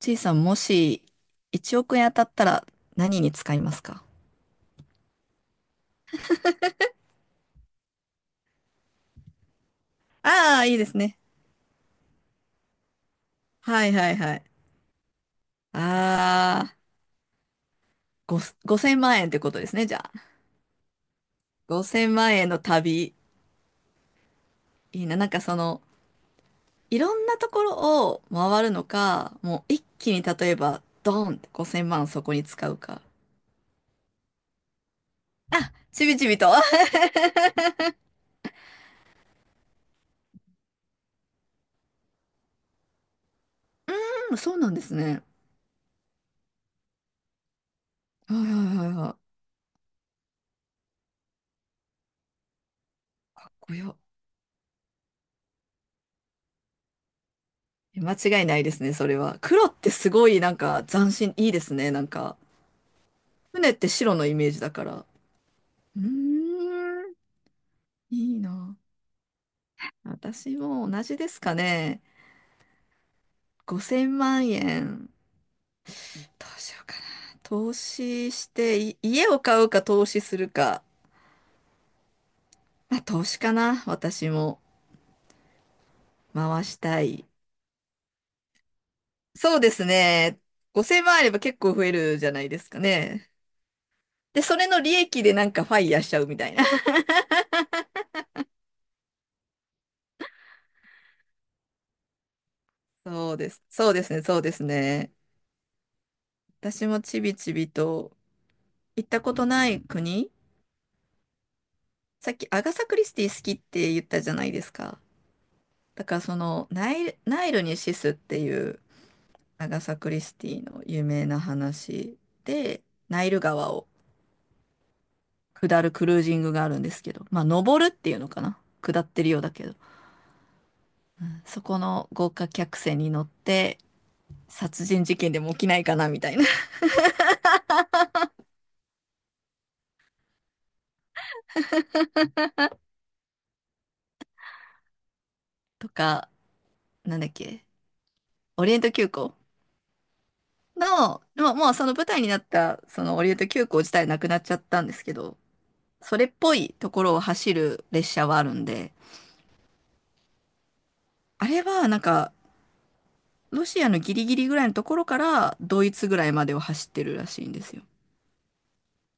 ちいさん、もし1億円当たったら何に使いますか？ああー、いいですね。はいはいはい。ああ、ご、5000万円ってことですね、じゃあ。5000万円の旅。いいな。なんかその、いろんなところを回るのか、もう一気に例えば、ドーンって5000万そこに使うか。ちびちびと。あ、うん、そうなんですね。はいはいはいはい。かっこよ。間違いないですね、それは。黒ってすごいなんか斬新、いいですね、なんか。船って白のイメージだから。うーん、いいな。私も同じですかね。5000万円、どうしようかな。投資して、家を買うか投資するか。まあ、投資かな。私も回したい。そうですね。5000万あれば結構増えるじゃないですかね。で、それの利益でなんかファイヤーしちゃうみたいな。そうです。そうですね。そうですね。私もちびちびと行ったことない国。さっきアガサ・クリスティ好きって言ったじゃないですか。だからそのナイルにシスっていう長サ・クリスティの有名な話で、ナイル川を下るクルージングがあるんですけど、まあ登るっていうのかな下ってるようだけど、そこの豪華客船に乗って殺人事件でも起きないかなみたいな。あ、なんだっけ、オリエント急行の、まあもうその舞台になったそのオリエント急行自体なくなっちゃったんですけど、それっぽいところを走る列車はあるんで、あれはなんかロシアのギリギリぐらいのところからドイツぐらいまでを走ってるらしいんですよ。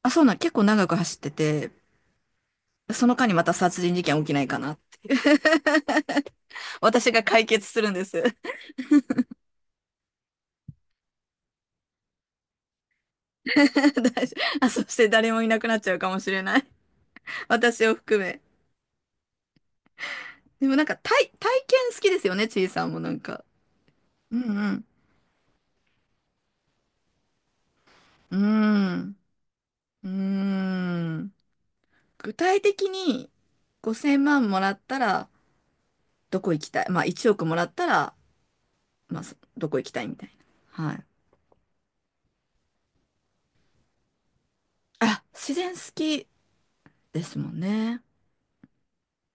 あ、そうなん、結構長く走ってて、その間にまた殺人事件起きないかな。私が解決するんです。大丈夫。あ、そして誰もいなくなっちゃうかもしれない。私を含め。でもなんか体験好きですよね、ちいさんもなんか。うんうん。うーん。うーん。具体的に5000万もらったらどこ行きたい。まあ1億もらったら、まあどこ行きたいみたいな。はい。あ、自然好きですもんね。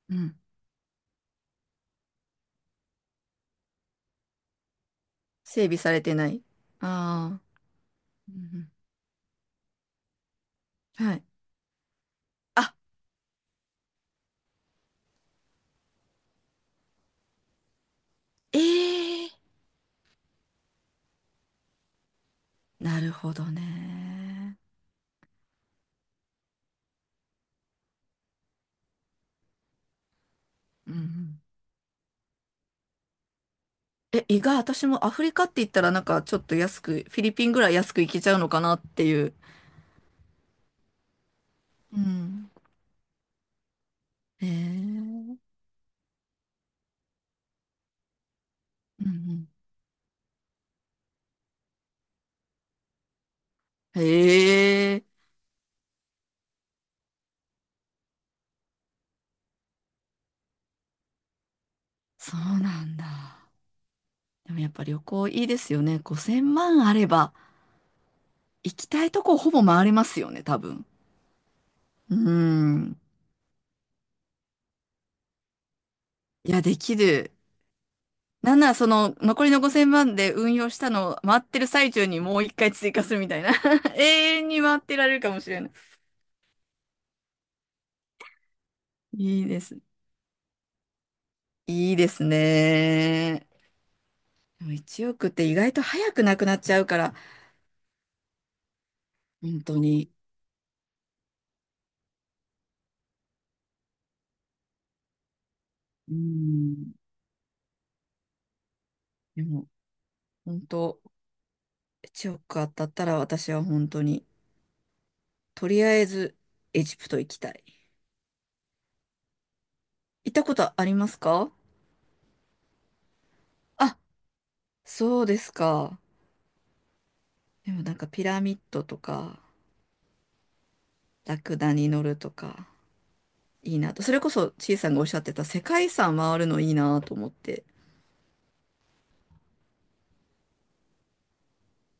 うん。整備されてない。ああ。うんうん、はい。あ、ええ、なるほどね。うんうん。え、意外、私もアフリカって言ったらなんかちょっと安く、フィリピンぐらい安く行けちゃうのかなっていう。うん。へえ、うんうん。へえ、そうなんだ。でもやっぱ旅行いいですよね。5000万あれば行きたいとこほぼ回れますよね、多分。うん。いや、できる。なんならその残りの5000万で運用したのを回ってる最中にもう一回追加するみたいな。永遠に回ってられるかもしれない。いいです。いいですね。でも1億って意外と早くなくなっちゃうから、本当に。うん。でも、本当、1億当たったら私は本当に、とりあえずエジプト行きたい。行ったことありますか？あ、そうですか。でもなんかピラミッドとか、ラクダに乗るとか。いいなと。それこそ、ちいさんがおっしゃってた世界遺産回るのいいなと思って。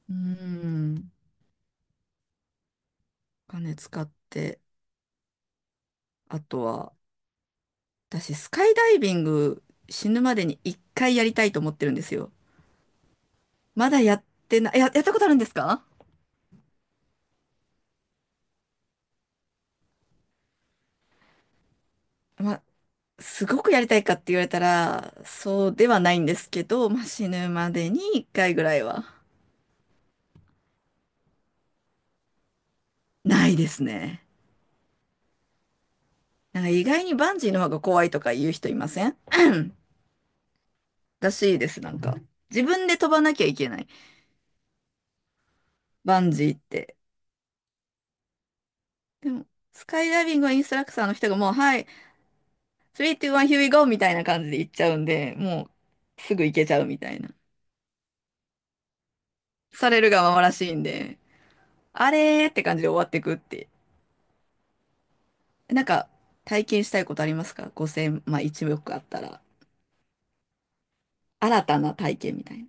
うん。お金使って、あとは、私、スカイダイビング死ぬまでに一回やりたいと思ってるんですよ。まだやってない、やったことあるんですか？まあ、すごくやりたいかって言われたら、そうではないんですけど、まあ、死ぬまでに一回ぐらいは。ないですね。なんか意外にバンジーの方が怖いとか言う人いません？らしいです、なんか。自分で飛ばなきゃいけない。バンジーって。でも、スカイダイビングはインストラクターの人がもう、はい、3、2、1、here we go! みたいな感じで行っちゃうんで、もう、すぐ行けちゃうみたいな。されるがままらしいんで、あれーって感じで終わっていくって。なんか、体験したいことありますか？ 5000、まあ1億あったら、新たな体験みたいな。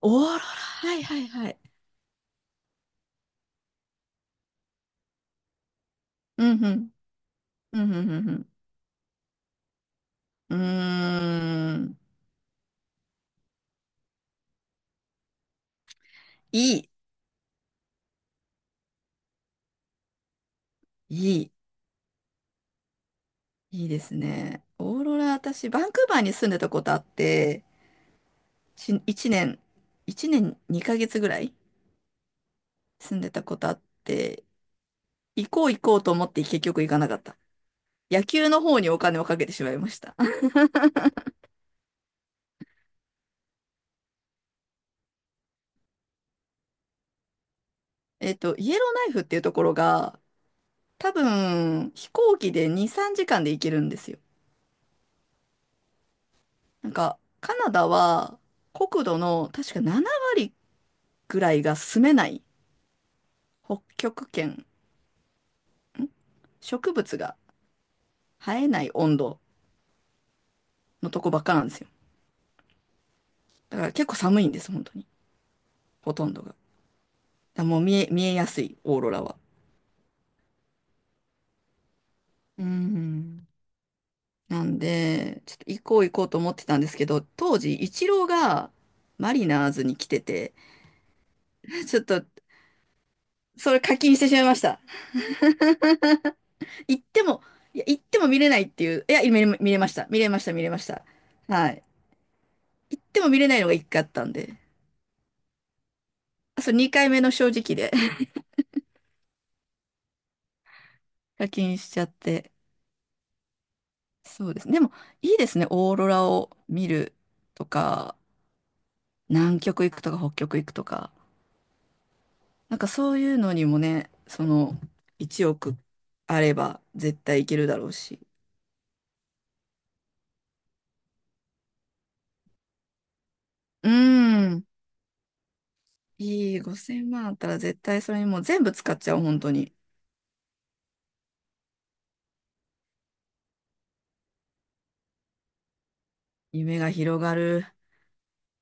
オーロラ、はいはいはい。うんうん。うんうんうんうん。うーん。いい。いい。いいですね。オーロラ、私、バンクーバーに住んでたことあって、し一年、一年2ヶ月ぐらい住んでたことあって、行こう行こうと思って結局行かなかった。野球の方にお金をかけてしまいました。イエローナイフっていうところが、多分、飛行機で2、3時間で行けるんですよ。なんか、カナダは国土の確か7割ぐらいが住めない北極圏、植物が生えない温度のとこばっかなんですよ。だから結構寒いんです、本当に。ほとんどが。だからもう見えやすい、オーロラは。うん。なんで、ちょっと行こう行こうと思ってたんですけど、当時、イチローがマリナーズに来てて、ちょっと、それ課金してしまいました。行っても、いや、行っても見れないっていう、いや、見れました。見れました、見れました。はい。行っても見れないのが一回あったんで、そう、2回目の正直で 課金しちゃって。そうですね。でも、いいですね。オーロラを見るとか、南極行くとか、北極行くとか。なんかそういうのにもね、その1億あれば絶対いけるだろうし。うん。いい、5000万あったら絶対それにもう全部使っちゃう、本当に。夢が広がる。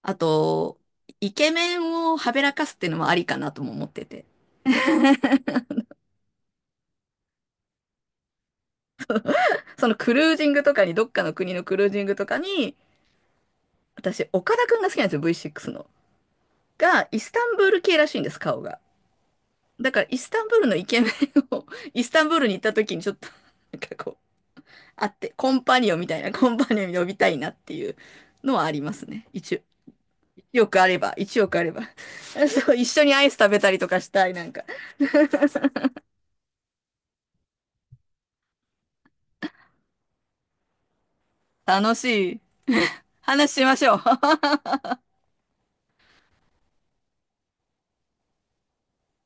あと、イケメンをはべらかすっていうのもありかなとも思ってて。そのクルージングとかに、どっかの国のクルージングとかに、私、岡田くんが好きなんですよ、V6 の。が、イスタンブール系らしいんです、顔が。だから、イスタンブールのイケメンを、イスタンブールに行った時にちょっと、なんかこう、あって、コンパニオンみたいな、コンパニオン呼びたいなっていうのはありますね。一応、1億あれば、1億あれば。そう、一緒にアイス食べたりとかしたい、なんか。楽しい。話しましょう。